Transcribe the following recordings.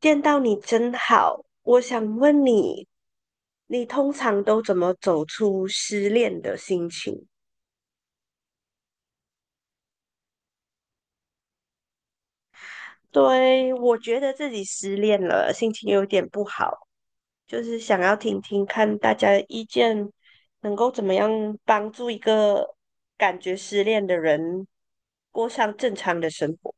见到你真好，我想问你，你通常都怎么走出失恋的心情？对，我觉得自己失恋了，心情有点不好，就是想要听听看大家的意见，能够怎么样帮助一个感觉失恋的人过上正常的生活。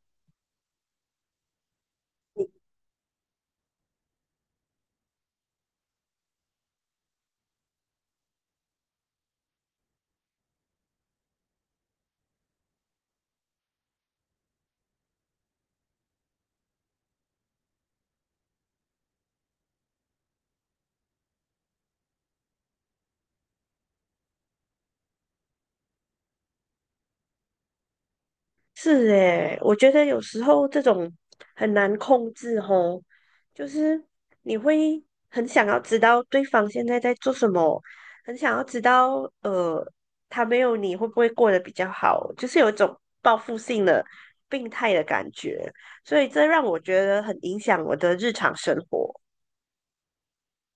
是诶，我觉得有时候这种很难控制吼，就是你会很想要知道对方现在在做什么，很想要知道他没有你会不会过得比较好，就是有一种报复性的病态的感觉，所以这让我觉得很影响我的日常生活。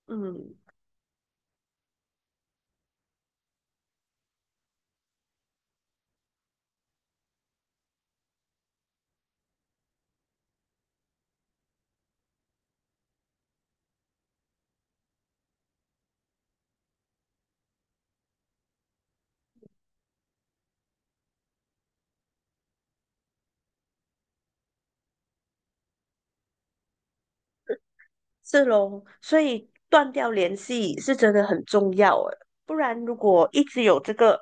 嗯。是咯，所以断掉联系是真的很重要诶，不然如果一直有这个，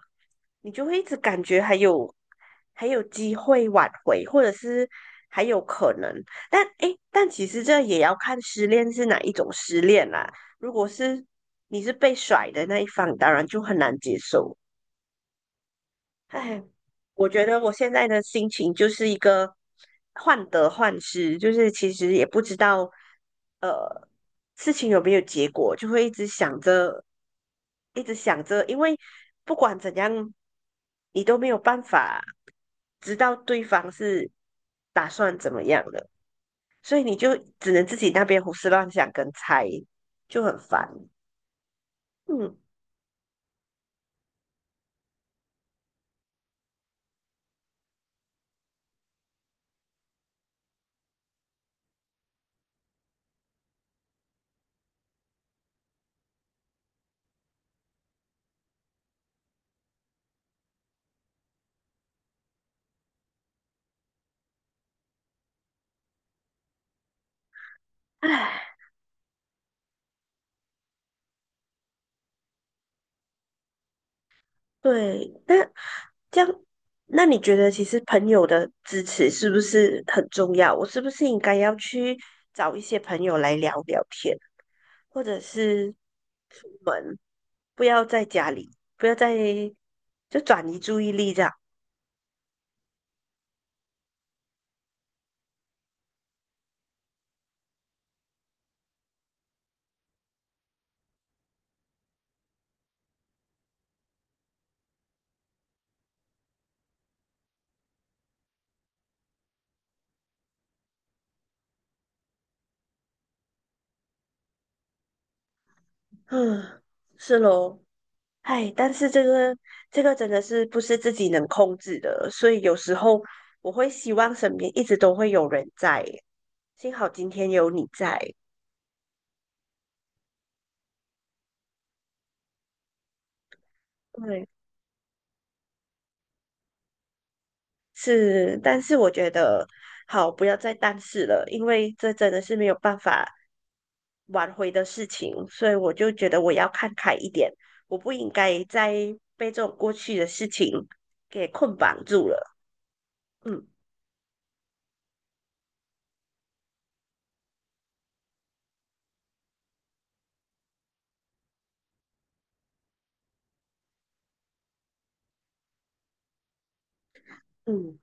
你就会一直感觉还有机会挽回，或者是还有可能。但其实这也要看失恋是哪一种失恋啦。如果是你是被甩的那一方，当然就很难接受。哎，我觉得我现在的心情就是一个患得患失，就是其实也不知道呃事情有没有结果，就会一直想着，一直想着，因为不管怎样，你都没有办法知道对方是打算怎么样的，所以你就只能自己那边胡思乱想跟猜，就很烦。嗯，唉。对，那这样，那你觉得其实朋友的支持是不是很重要？我是不是应该要去找一些朋友来聊聊天，或者是出门，不要在家里，不要在，就转移注意力这样。嗯，是咯，哎，但是这个真的是不是自己能控制的，所以有时候我会希望身边一直都会有人在，幸好今天有你在。对。是，但是我觉得好，不要再但是了，因为这真的是没有办法挽回的事情，所以我就觉得我要看开一点，我不应该再被这种过去的事情给捆绑住了。嗯嗯，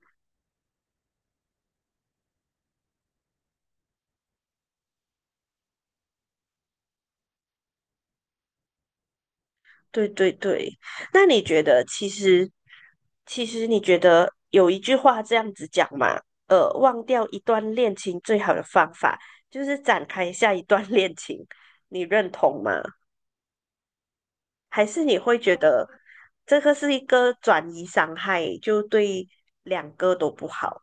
对对对。那你觉得，其实其实你觉得有一句话这样子讲嘛？忘掉一段恋情最好的方法就是展开下一段 恋情，你认同吗？还是你会觉得这个是一个转移伤害，就对两个都不好？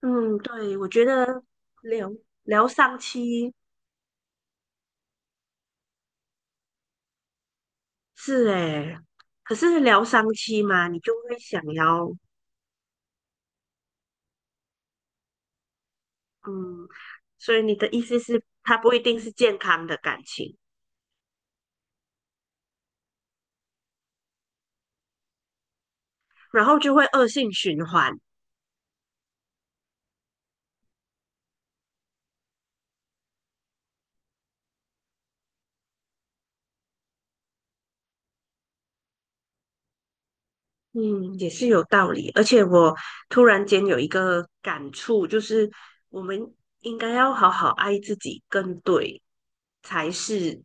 嗯，对，我觉得疗疗伤期是诶，可是疗伤期嘛，你就会想要嗯，所以你的意思是，它不一定是健康的感情，然后就会恶性循环，嗯，也是有道理。而且我突然间有一个感触，就是我们应该要好好爱自己，更对，才是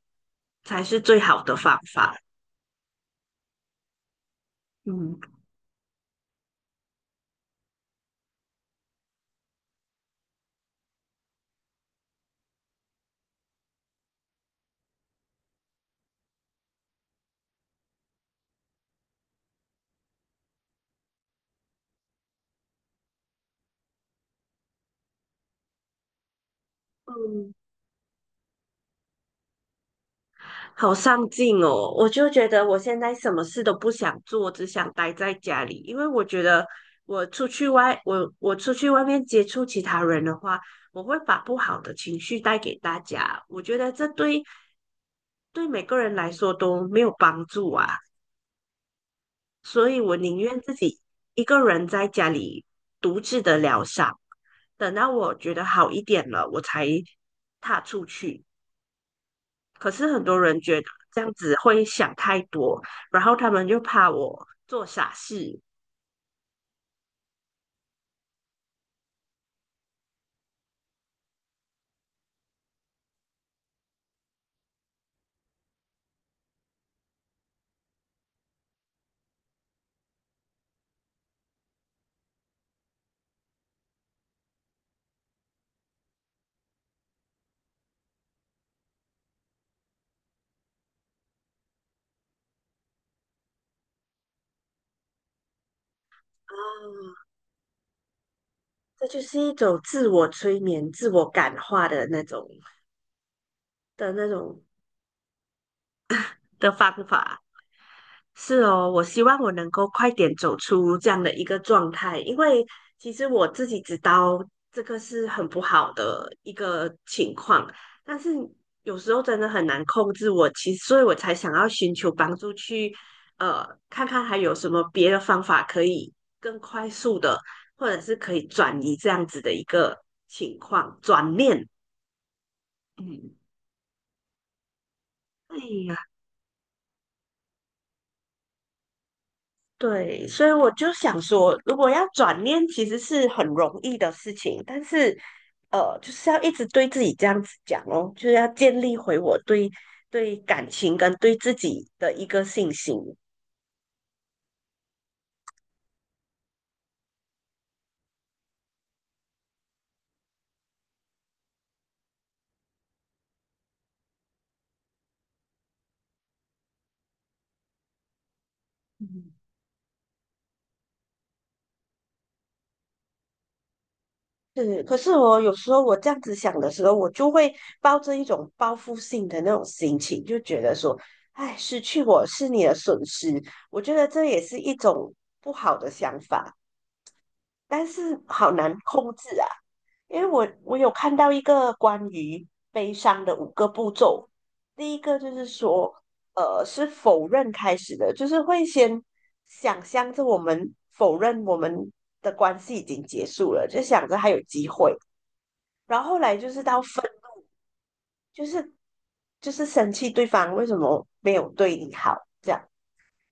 才是最好的方法。嗯嗯，好上进哦！我就觉得我现在什么事都不想做，只想待在家里，因为我觉得我出去外面接触其他人的话，我会把不好的情绪带给大家。我觉得这对每个人来说都没有帮助啊，所以我宁愿自己一个人在家里独自的疗伤，等到我觉得好一点了，我才踏出去。可是很多人觉得这样子会想太多，然后他们就怕我做傻事啊，这就是一种自我催眠、自我感化的那种的方法。是哦，我希望我能够快点走出这样的一个状态，因为其实我自己知道这个是很不好的一个情况，但是有时候真的很难控制我，其实所以我才想要寻求帮助去，呃，看看还有什么别的方法可以更快速的，或者是可以转移这样子的一个情况，转念，嗯。哎对，所以我就想说，如果要转念，其实是很容易的事情，但是，就是要一直对自己这样子讲哦，就是要建立回我对感情跟对自己的一个信心。嗯是，可是我有时候我这样子想的时候，我就会抱着一种报复性的那种心情，就觉得说，哎，失去我是你的损失，我觉得这也是一种不好的想法。但是好难控制啊，因为我有看到一个关于悲伤的5个步骤，第一个就是说，是否认开始的，就是会先想象着我们否认我们的关系已经结束了，就想着还有机会，然后后来就是到分，就是就是生气对方为什么没有对你好。这样。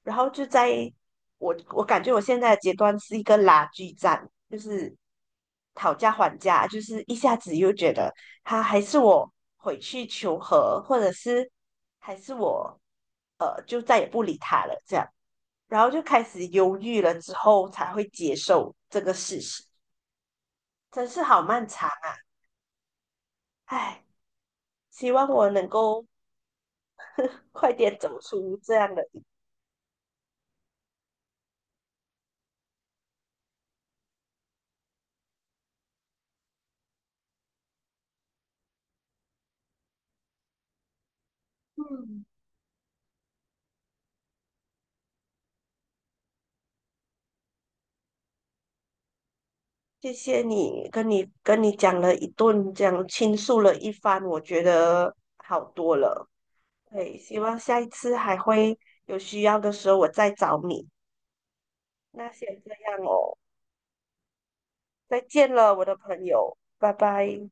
然后就在我感觉我现在的阶段是一个拉锯战，就是讨价还价，就是一下子又觉得他还是我回去求和，或者是还是我就再也不理他了这样，然后就开始犹豫了之后才会接受这个事实，真是好漫长啊！唉，希望我能够快点走出这样的。嗯，谢谢你，跟你讲了一顿，这样倾诉了一番，我觉得好多了。对，希望下一次还会有需要的时候我再找你。那先这样哦，再见了，我的朋友，拜拜。